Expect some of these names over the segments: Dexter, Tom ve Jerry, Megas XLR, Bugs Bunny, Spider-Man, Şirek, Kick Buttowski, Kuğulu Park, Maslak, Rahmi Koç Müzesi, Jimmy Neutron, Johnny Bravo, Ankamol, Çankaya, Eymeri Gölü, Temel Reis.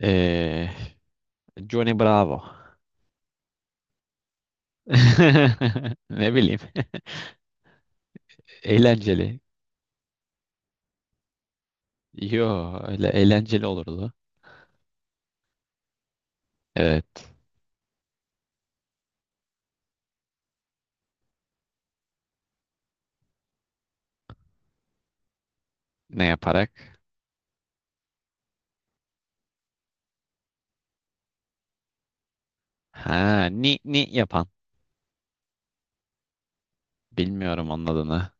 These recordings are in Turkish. Ee, Johnny Bravo. Ne bileyim. Eğlenceli. Yo, öyle eğlenceli olurdu. Evet. Ne yaparak? Ha, ni ni yapan. Bilmiyorum onun adını.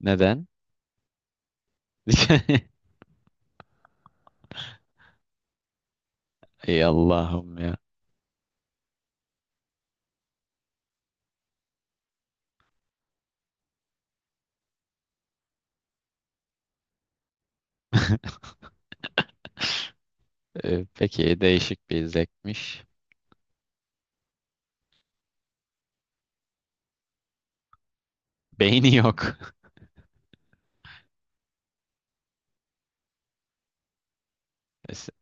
Neden? Ey Allah'ım ya. Peki değişik bir zevkmiş. Beyni yok. E se-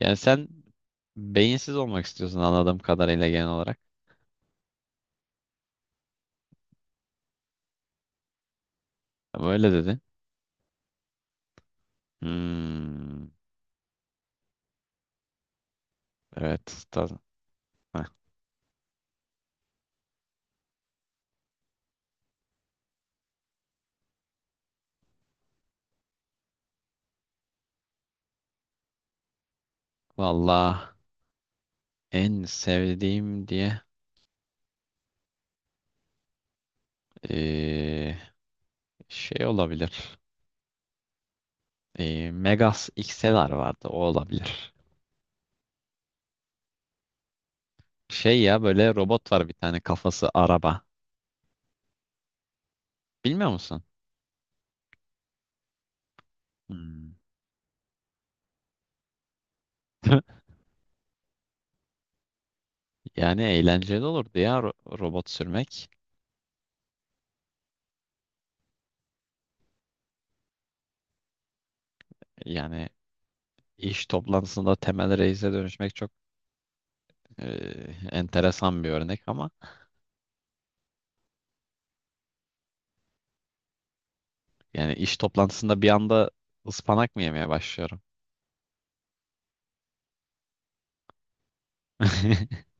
Yani sen beyinsiz olmak istiyorsun anladığım kadarıyla genel olarak. Ama öyle dedin. Hmm, evet. Valla. En sevdiğim diye eee, şey olabilir. Megas XLR vardı, o olabilir. Şey ya, böyle robot var bir tane, kafası araba. Bilmiyor musun? Hmm. Yani eğlenceli olurdu ya robot sürmek. Yani iş toplantısında Temel Reis'e dönüşmek çok enteresan bir örnek ama yani iş toplantısında bir anda ıspanak mı yemeye başlıyorum?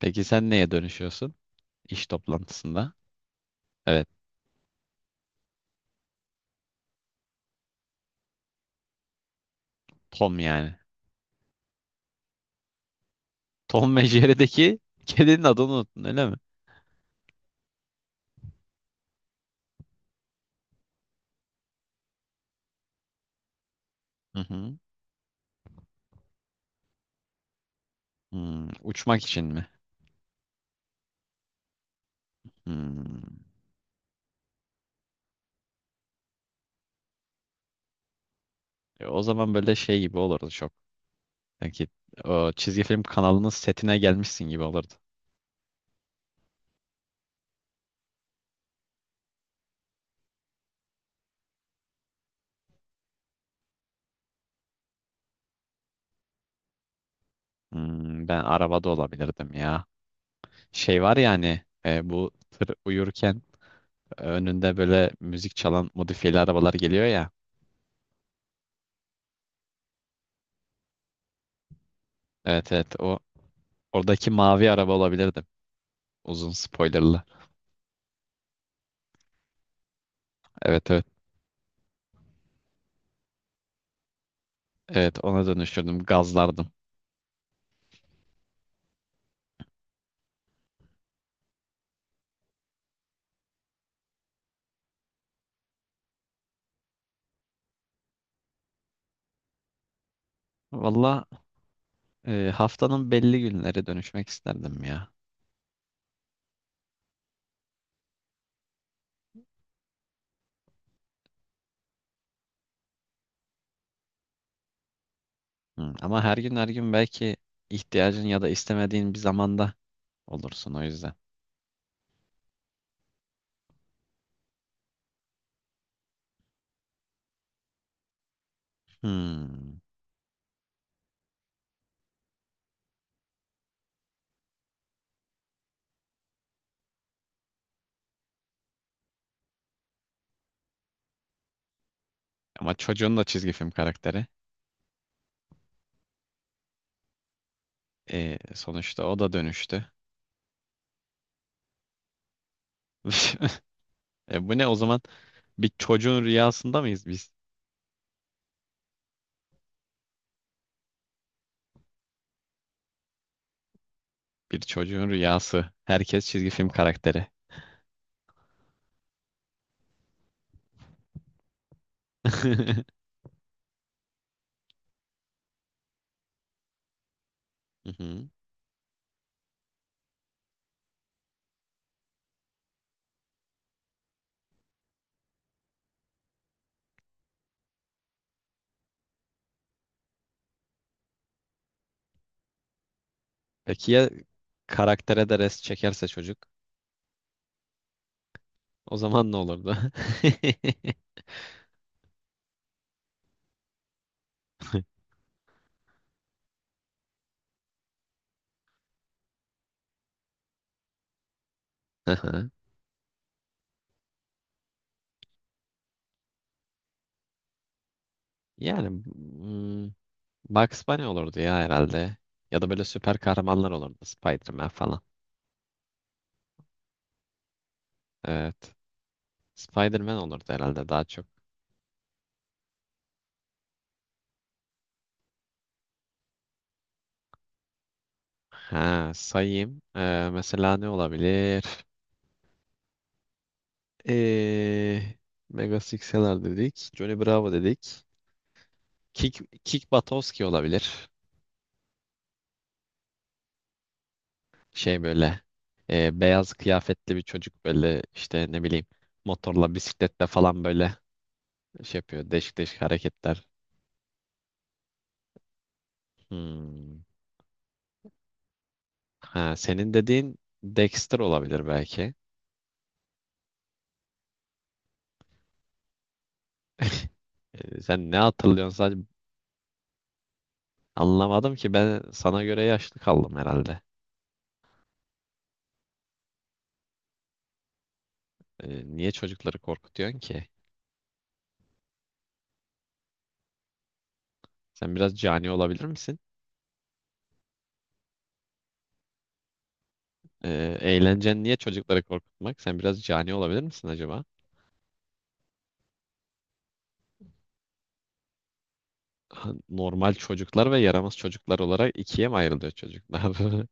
Peki sen neye dönüşüyorsun iş toplantısında? Evet, Tom yani. Tom ve Jerry'deki kedinin adını unuttun öyle mi? Hı hı. Hmm, uçmak için mi? Hmm. O zaman böyle şey gibi olurdu çok. Sanki o çizgi film kanalının setine gelmişsin gibi olurdu. Hmm, ben arabada olabilirdim ya. Şey var ya hani, bu tır uyurken önünde böyle müzik çalan modifiyeli arabalar geliyor ya. Evet, evet, o oradaki mavi araba olabilirdim. Uzun spoilerlı. Evet, evet. Evet, ona dönüşürdüm, gazlardım. Valla haftanın belli günleri dönüşmek isterdim ya. Hı, ama her gün her gün belki ihtiyacın ya da istemediğin bir zamanda olursun o yüzden. Hmm. Ama çocuğun da çizgi film karakteri. Sonuçta o da dönüştü. E, bu ne o zaman? Bir çocuğun rüyasında mıyız biz? Bir çocuğun rüyası. Herkes çizgi film karakteri. Hı hı. Peki ya karaktere de rest çekerse çocuk? O zaman ne olurdu? Hı hı. Yani hmm, Bugs Bunny olurdu ya herhalde. Ya da böyle süper kahramanlar olurdu. Spider-Man falan. Evet. Spider-Man olurdu herhalde daha çok. Ha, sayayım. Mesela ne olabilir? Ee, Mega Sixeler dedik. Johnny Bravo dedik. Kick, Kick Buttowski olabilir. Şey böyle, beyaz kıyafetli bir çocuk böyle, işte ne bileyim, motorla bisikletle falan böyle şey yapıyor. Değişik değişik hareketler. Hmm. Ha, senin dediğin Dexter olabilir belki. Sen ne hatırlıyorsun sadece, anlamadım ki, ben sana göre yaşlı kaldım herhalde. Niye çocukları korkutuyorsun ki? Sen biraz cani olabilir misin? Eğlencen niye çocukları korkutmak? Sen biraz cani olabilir misin acaba? Ha, normal çocuklar ve yaramaz çocuklar olarak ikiye mi ayrılıyor çocuklar?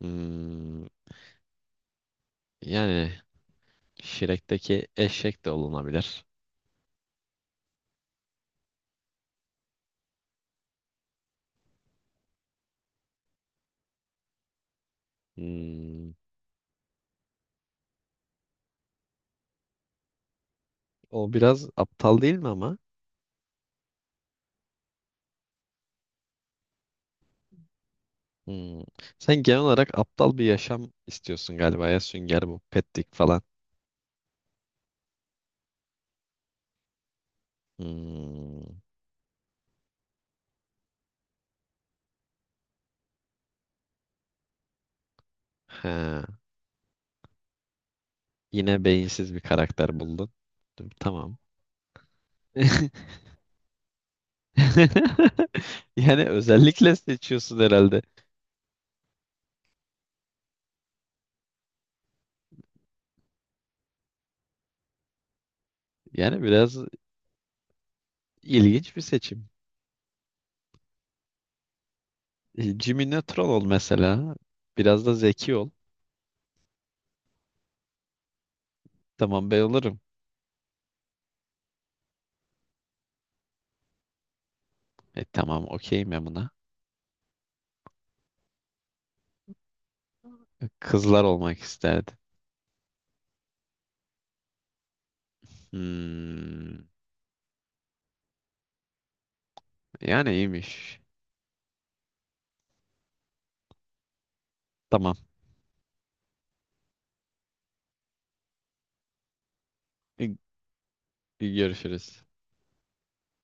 Hmm, yani Şirek'teki eşek de olunabilir. Hmm, o biraz aptal değil mi ama? Hmm. Sen genel olarak aptal bir yaşam istiyorsun galiba ya, sünger bu petlik falan. Hmm. Ha. Yine beyinsiz bir karakter buldun. Dur, tamam. Yani özellikle seçiyorsun herhalde. Yani biraz ilginç bir seçim. E, Jimmy Neutron ol mesela. Biraz da zeki ol. Tamam, ben olurum. E tamam, okeyim ben buna. Kızlar olmak isterdim. Hmm. Yani iyiymiş. Tamam. E, görüşürüz.